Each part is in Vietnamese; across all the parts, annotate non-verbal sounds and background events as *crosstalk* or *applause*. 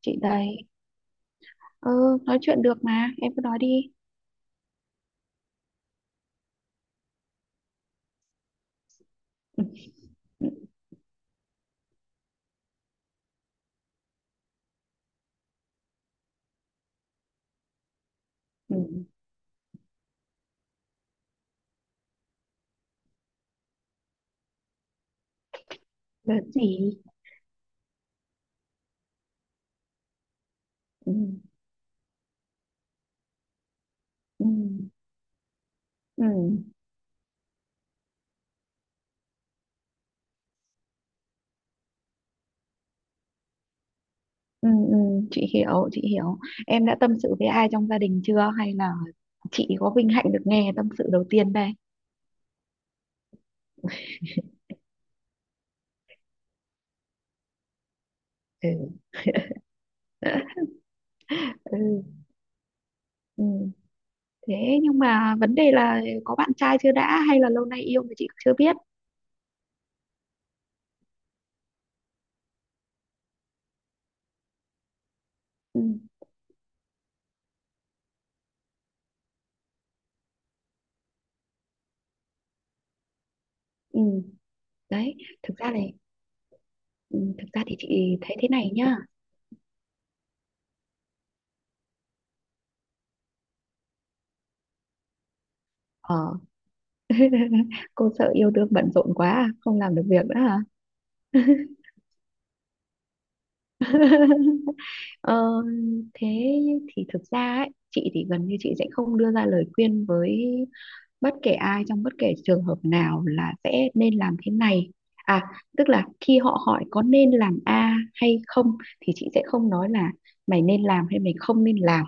Chị đây. Ừ nói chuyện được mà, em cứ nói đi. ừ, ừ, ừ. Đợt gì? ừ, ừ, ừ, ừ, ừ. Chị hiểu, chị hiểu. Em đã tâm sự với ai trong gia đình chưa hay là chị có vinh hạnh được nghe tâm sự đầu tiên đây? ừ. *laughs* ừ, ừ. Thế nhưng mà vấn đề là có bạn trai chưa đã hay là lâu nay yêu mà chị chưa biết? ừ, ừ. Đấy, thực ra này, ừ, thực ra thì chị thấy thế này nhá. Ờ, *laughs* cô sợ yêu đương bận rộn quá à? Không làm được việc nữa hả? *laughs* ờ, Thế thì thực ra ấy, chị thì gần như chị sẽ không đưa ra lời khuyên với bất kể ai trong bất kể trường hợp nào là sẽ nên làm thế này, à, tức là khi họ hỏi có nên làm A hay không thì chị sẽ không nói là mày nên làm hay mày không nên làm,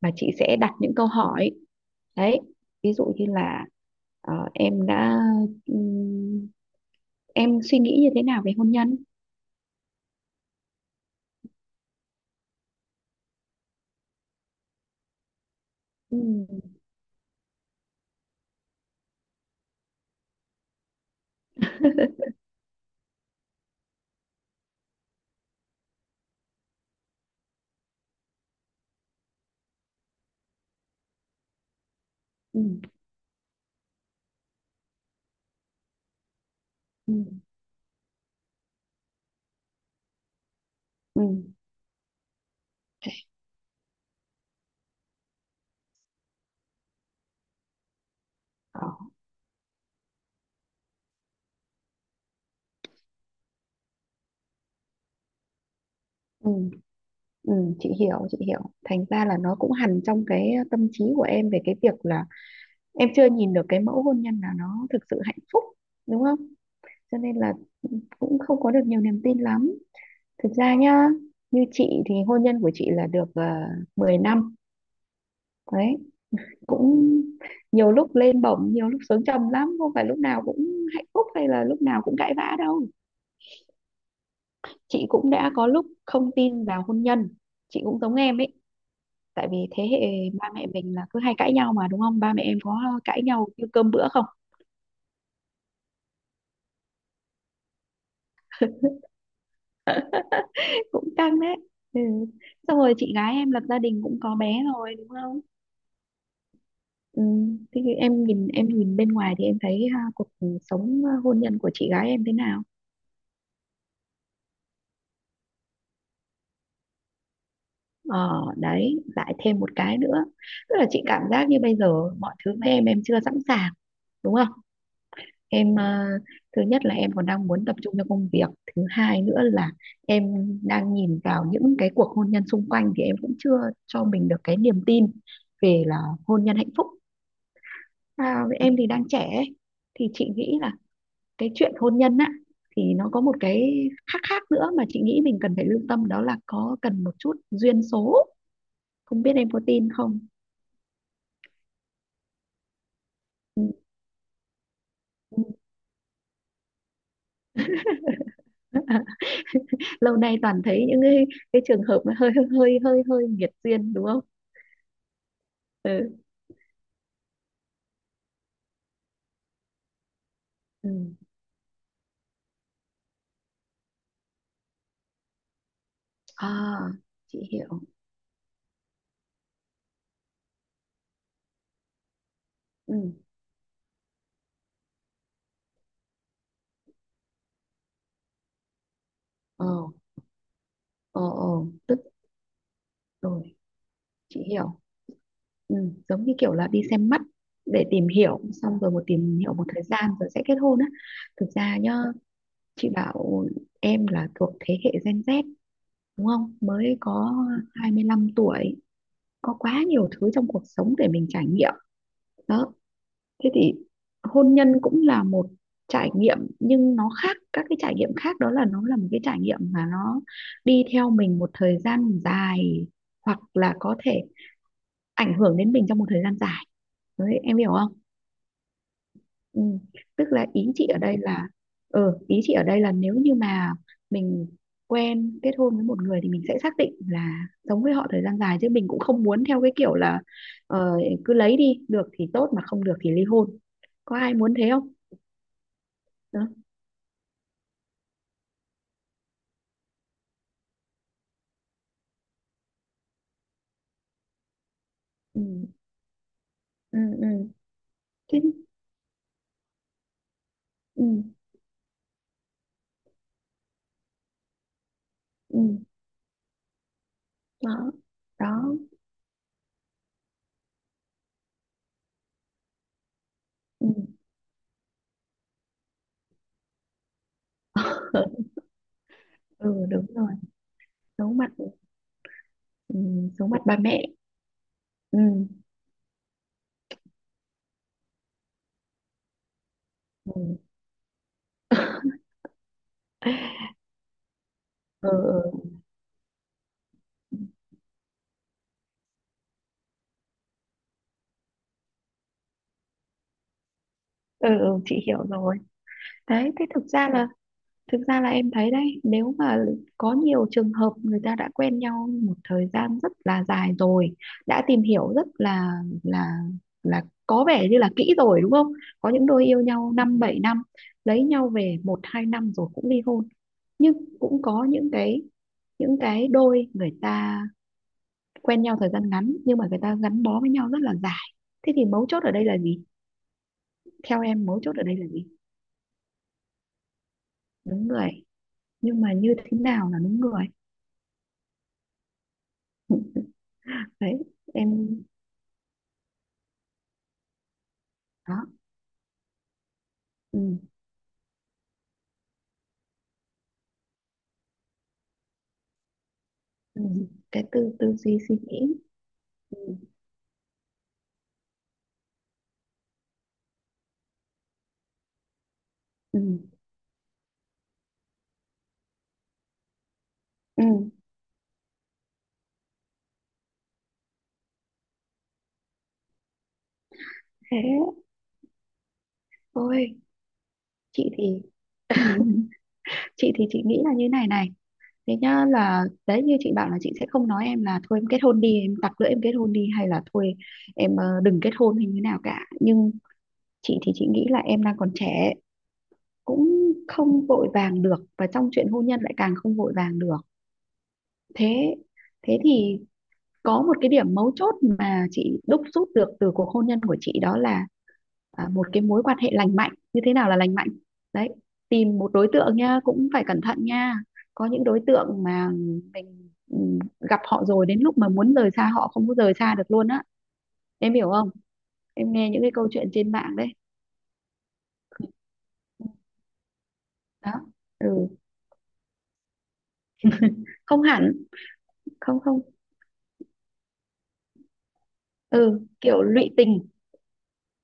mà chị sẽ đặt những câu hỏi. Đấy, ví dụ như là ờ, em đã em suy nghĩ như thế nào về hôn nhân? ừ *laughs* ừ ừ ừ đó ừ ừ chị hiểu, chị hiểu. Thành ra là nó cũng hằn trong cái tâm trí của em về cái việc là em chưa nhìn được cái mẫu hôn nhân nào nó thực sự hạnh phúc, đúng không? Cho nên là cũng không có được nhiều niềm tin lắm. Thực ra nhá, như chị thì hôn nhân của chị là được 10 năm đấy. Cũng nhiều lúc lên bổng, nhiều lúc xuống trầm lắm, không phải lúc nào cũng hạnh phúc hay là lúc nào cũng cãi vã đâu. Chị cũng đã có lúc không tin vào hôn nhân, chị cũng giống em ấy, tại vì thế hệ ba mẹ mình là cứ hay cãi nhau mà, đúng không? Ba mẹ em có cãi nhau như cơm bữa không? *laughs* Cũng căng đấy. Ừ. Xong rồi chị gái em lập gia đình cũng có bé rồi đúng không? Ừ. Thế thì em nhìn, em nhìn bên ngoài thì em thấy ha, cuộc sống hôn nhân của chị gái em thế nào? Ờ đấy lại thêm một cái nữa, tức là chị cảm giác như bây giờ mọi thứ với em chưa sẵn sàng đúng không? em ờ, Thứ nhất là em còn đang muốn tập trung cho công việc, thứ hai nữa là em đang nhìn vào những cái cuộc hôn nhân xung quanh thì em cũng chưa cho mình được cái niềm tin về là hôn nhân hạnh phúc. À, em thì đang trẻ ấy. Thì chị nghĩ là cái chuyện hôn nhân á thì nó có một cái khác, khác nữa mà chị nghĩ mình cần phải lưu tâm, đó là có cần một chút duyên số, không biết em có tin không? *laughs* Lâu nay toàn thấy những cái trường hợp nó hơi hơi nghiệt duyên đúng không? Ừ. Ừ. À, chị hiểu. Ừ. Ờ, ờ, tức rồi, chị hiểu. Ừ, giống như kiểu là đi xem mắt để tìm hiểu, xong rồi một tìm hiểu một thời gian rồi sẽ kết hôn á. Thực ra nhá, chị bảo em là thuộc thế hệ Gen Z đúng không? Mới có 25 tuổi, có quá nhiều thứ trong cuộc sống để mình trải nghiệm. Đó, thế thì hôn nhân cũng là một trải nghiệm, nhưng nó khác các cái trải nghiệm khác, đó là nó là một cái trải nghiệm mà nó đi theo mình một thời gian dài, hoặc là có thể ảnh hưởng đến mình trong một thời gian dài. Đấy, em hiểu không? Ừ. Tức là ý chị ở đây là ừ, ý chị ở đây là nếu như mà mình quen kết hôn với một người thì mình sẽ xác định là sống với họ thời gian dài, chứ mình cũng không muốn theo cái kiểu là ờ, cứ lấy đi được thì tốt mà không được thì ly hôn, có ai muốn thế không? Ừ, ừ ừ ừ cái ừ ừ đó đó ừ. *laughs* Ừ đúng rồi, giấu mặt. Ừ, giấu mặt ba mẹ. ừ ừ *laughs* ừ ừ ừ, chị hiểu rồi. Đấy, thế thực ra là, thực ra là em thấy đấy, nếu mà có nhiều trường hợp người ta đã quen nhau một thời gian rất là dài rồi, đã tìm hiểu rất là là là có vẻ như là kỹ rồi đúng không? Có những đôi yêu nhau năm bảy năm lấy nhau về một hai năm rồi cũng ly hôn, nhưng cũng có những cái, những cái đôi người ta quen nhau thời gian ngắn nhưng mà người ta gắn bó với nhau rất là dài. Thế thì mấu chốt ở đây là gì, theo em mấu chốt ở đây là gì? Đúng người. Nhưng mà như thế nào là đúng người? *laughs* Đấy em đó. Ừ. Ừ. Cái tư tư duy suy nghĩ. Ừ. Ừ. Ừ. Thế thôi chị thì chị thì chị nghĩ là như này này. Thế nhá, là đấy như chị bảo là chị sẽ không nói em là thôi em kết hôn đi, em tặc lưỡi em kết hôn đi, hay là thôi em đừng kết hôn hay như nào cả, nhưng chị thì chị nghĩ là em đang còn trẻ, cũng không vội vàng được, và trong chuyện hôn nhân lại càng không vội vàng được. Thế Thế thì có một cái điểm mấu chốt mà chị đúc rút được từ cuộc hôn nhân của chị, đó là à, một cái mối quan hệ lành mạnh, như thế nào là lành mạnh. Đấy, tìm một đối tượng nha, cũng phải cẩn thận nha. Có những đối tượng mà mình gặp họ rồi đến lúc mà muốn rời xa họ không có rời xa được luôn á, em hiểu không? Em nghe những cái câu chuyện trên mạng đấy. Đó. Ừ. Không hẳn. Không không. Ừ kiểu lụy tình.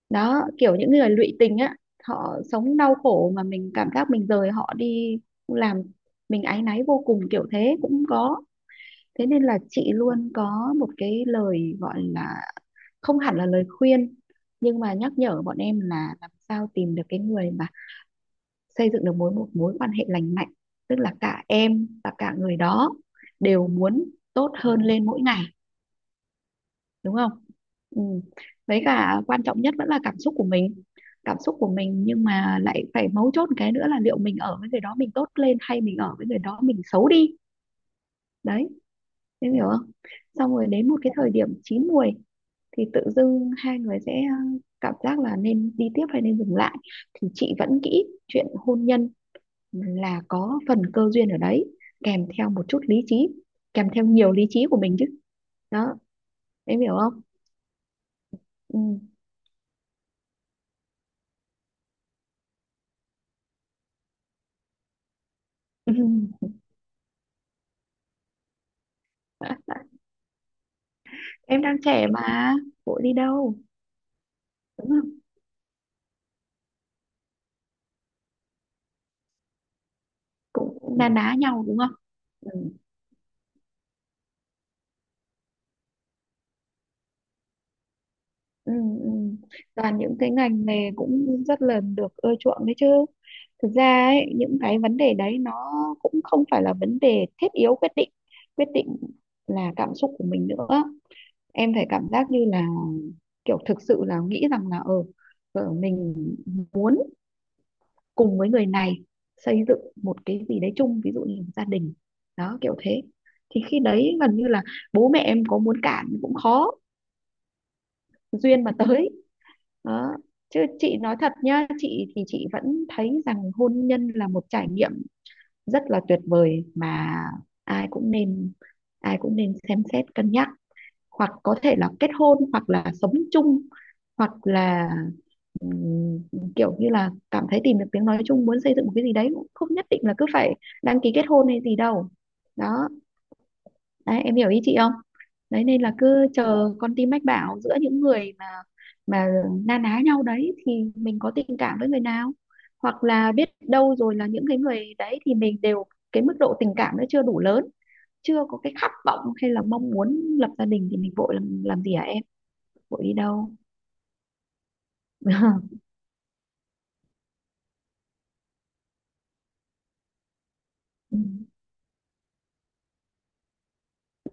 Đó, kiểu những người lụy tình á, họ sống đau khổ mà mình cảm giác mình rời họ đi làm mình áy náy vô cùng, kiểu thế cũng có. Thế nên là chị luôn có một cái lời gọi là không hẳn là lời khuyên, nhưng mà nhắc nhở bọn em là làm sao tìm được cái người mà xây dựng được một mối quan hệ lành mạnh, tức là cả em và cả người đó đều muốn tốt hơn lên mỗi ngày, đúng không? Ừ. Với cả quan trọng nhất vẫn là cảm xúc của mình, cảm xúc của mình, nhưng mà lại phải mấu chốt một cái nữa là liệu mình ở với người đó mình tốt lên hay mình ở với người đó mình xấu đi. Đấy, em hiểu không? Xong rồi đến một cái thời điểm chín muồi thì tự dưng hai người sẽ cảm giác là nên đi tiếp hay nên dừng lại. Thì chị vẫn nghĩ chuyện hôn nhân là có phần cơ duyên ở đấy, kèm theo một chút lý trí, kèm theo nhiều lý trí của mình chứ. Đó, em hiểu không? Ừ. *laughs* Em đang trẻ mà, vội đi đâu, đúng không? Cũng na ná nhau đúng không? ừ, ừ, ừ. Toàn những cái ngành nghề cũng rất là được ưa chuộng đấy chứ. Thực ra ấy, những cái vấn đề đấy nó cũng không phải là vấn đề thiết yếu quyết định. Quyết định là cảm xúc của mình nữa. Em phải cảm giác như là kiểu thực sự là nghĩ rằng là ừ, mình muốn cùng với người này xây dựng một cái gì đấy chung, ví dụ như gia đình. Đó, kiểu thế thì khi đấy gần như là bố mẹ em có muốn cản cũng khó. Duyên mà tới. Đó, chứ chị nói thật nhá, chị thì chị vẫn thấy rằng hôn nhân là một trải nghiệm rất là tuyệt vời mà ai cũng nên, ai cũng nên xem xét cân nhắc, hoặc có thể là kết hôn hoặc là sống chung, hoặc là ừm, kiểu như là cảm thấy tìm được tiếng nói chung, muốn xây dựng một cái gì đấy, cũng không nhất định là cứ phải đăng ký kết hôn hay gì đâu. Đó, đấy, em hiểu ý chị không? Đấy nên là cứ chờ con tim mách bảo, giữa những người mà mà na ná nhau đấy thì mình có tình cảm với người nào, hoặc là biết đâu rồi là những cái người đấy thì mình đều cái mức độ tình cảm nó chưa đủ lớn, chưa có cái khát vọng hay là mong muốn lập gia đình thì mình vội làm gì hả em, vội đi đâu? *laughs* Ừ,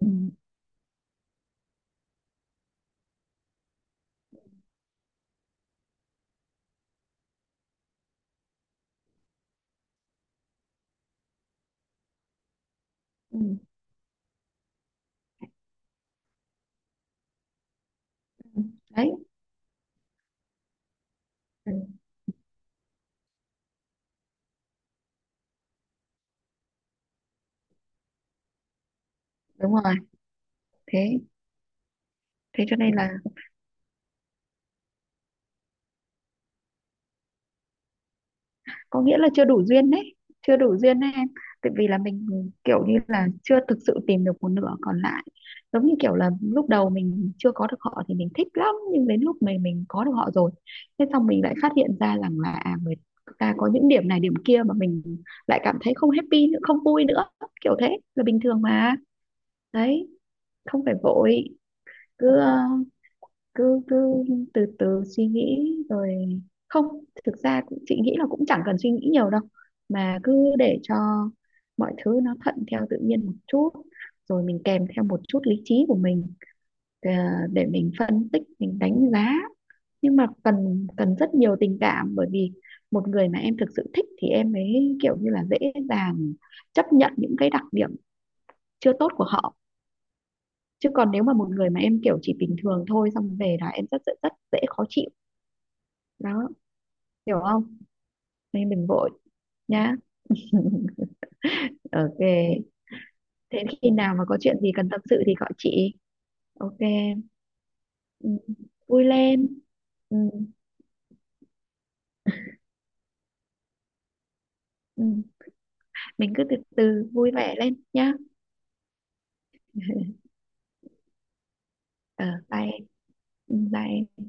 ừ, ừ, ừ. Đấy đúng rồi. Thế Thế cho nên là có nghĩa là chưa đủ duyên đấy, chưa đủ duyên đấy em. Tại vì là mình kiểu như là chưa thực sự tìm được một nửa còn lại, giống như kiểu là lúc đầu mình chưa có được họ thì mình thích lắm, nhưng đến lúc mình có được họ rồi thế xong mình lại phát hiện ra rằng là à, người ta có những điểm này điểm kia mà mình lại cảm thấy không happy nữa, không vui nữa. Kiểu thế là bình thường mà. Đấy, không phải vội. Cứ ờ, cứ cứ từ từ suy nghĩ rồi, không, thực ra cũng chị nghĩ là cũng chẳng cần suy nghĩ nhiều đâu, mà cứ để cho mọi thứ nó thuận theo tự nhiên một chút, rồi mình kèm theo một chút lý trí của mình, ờ, để mình phân tích mình đánh giá, nhưng mà cần, cần rất nhiều tình cảm, bởi vì một người mà em thực sự thích thì em mới kiểu như là dễ dàng chấp nhận những cái đặc điểm chưa tốt của họ, chứ còn nếu mà một người mà em kiểu chỉ bình thường thôi xong về là em rất rất rất dễ khó chịu. Đó, hiểu không? Nên đừng vội nhá. *laughs* Ok, thế khi nào mà có chuyện gì cần tâm sự thì gọi chị. Ok. Ừ. Vui lên. Ừ. Ừ. Mình cứ từ từ vui vẻ lên nhá. Ờ bye. Ừ, bye.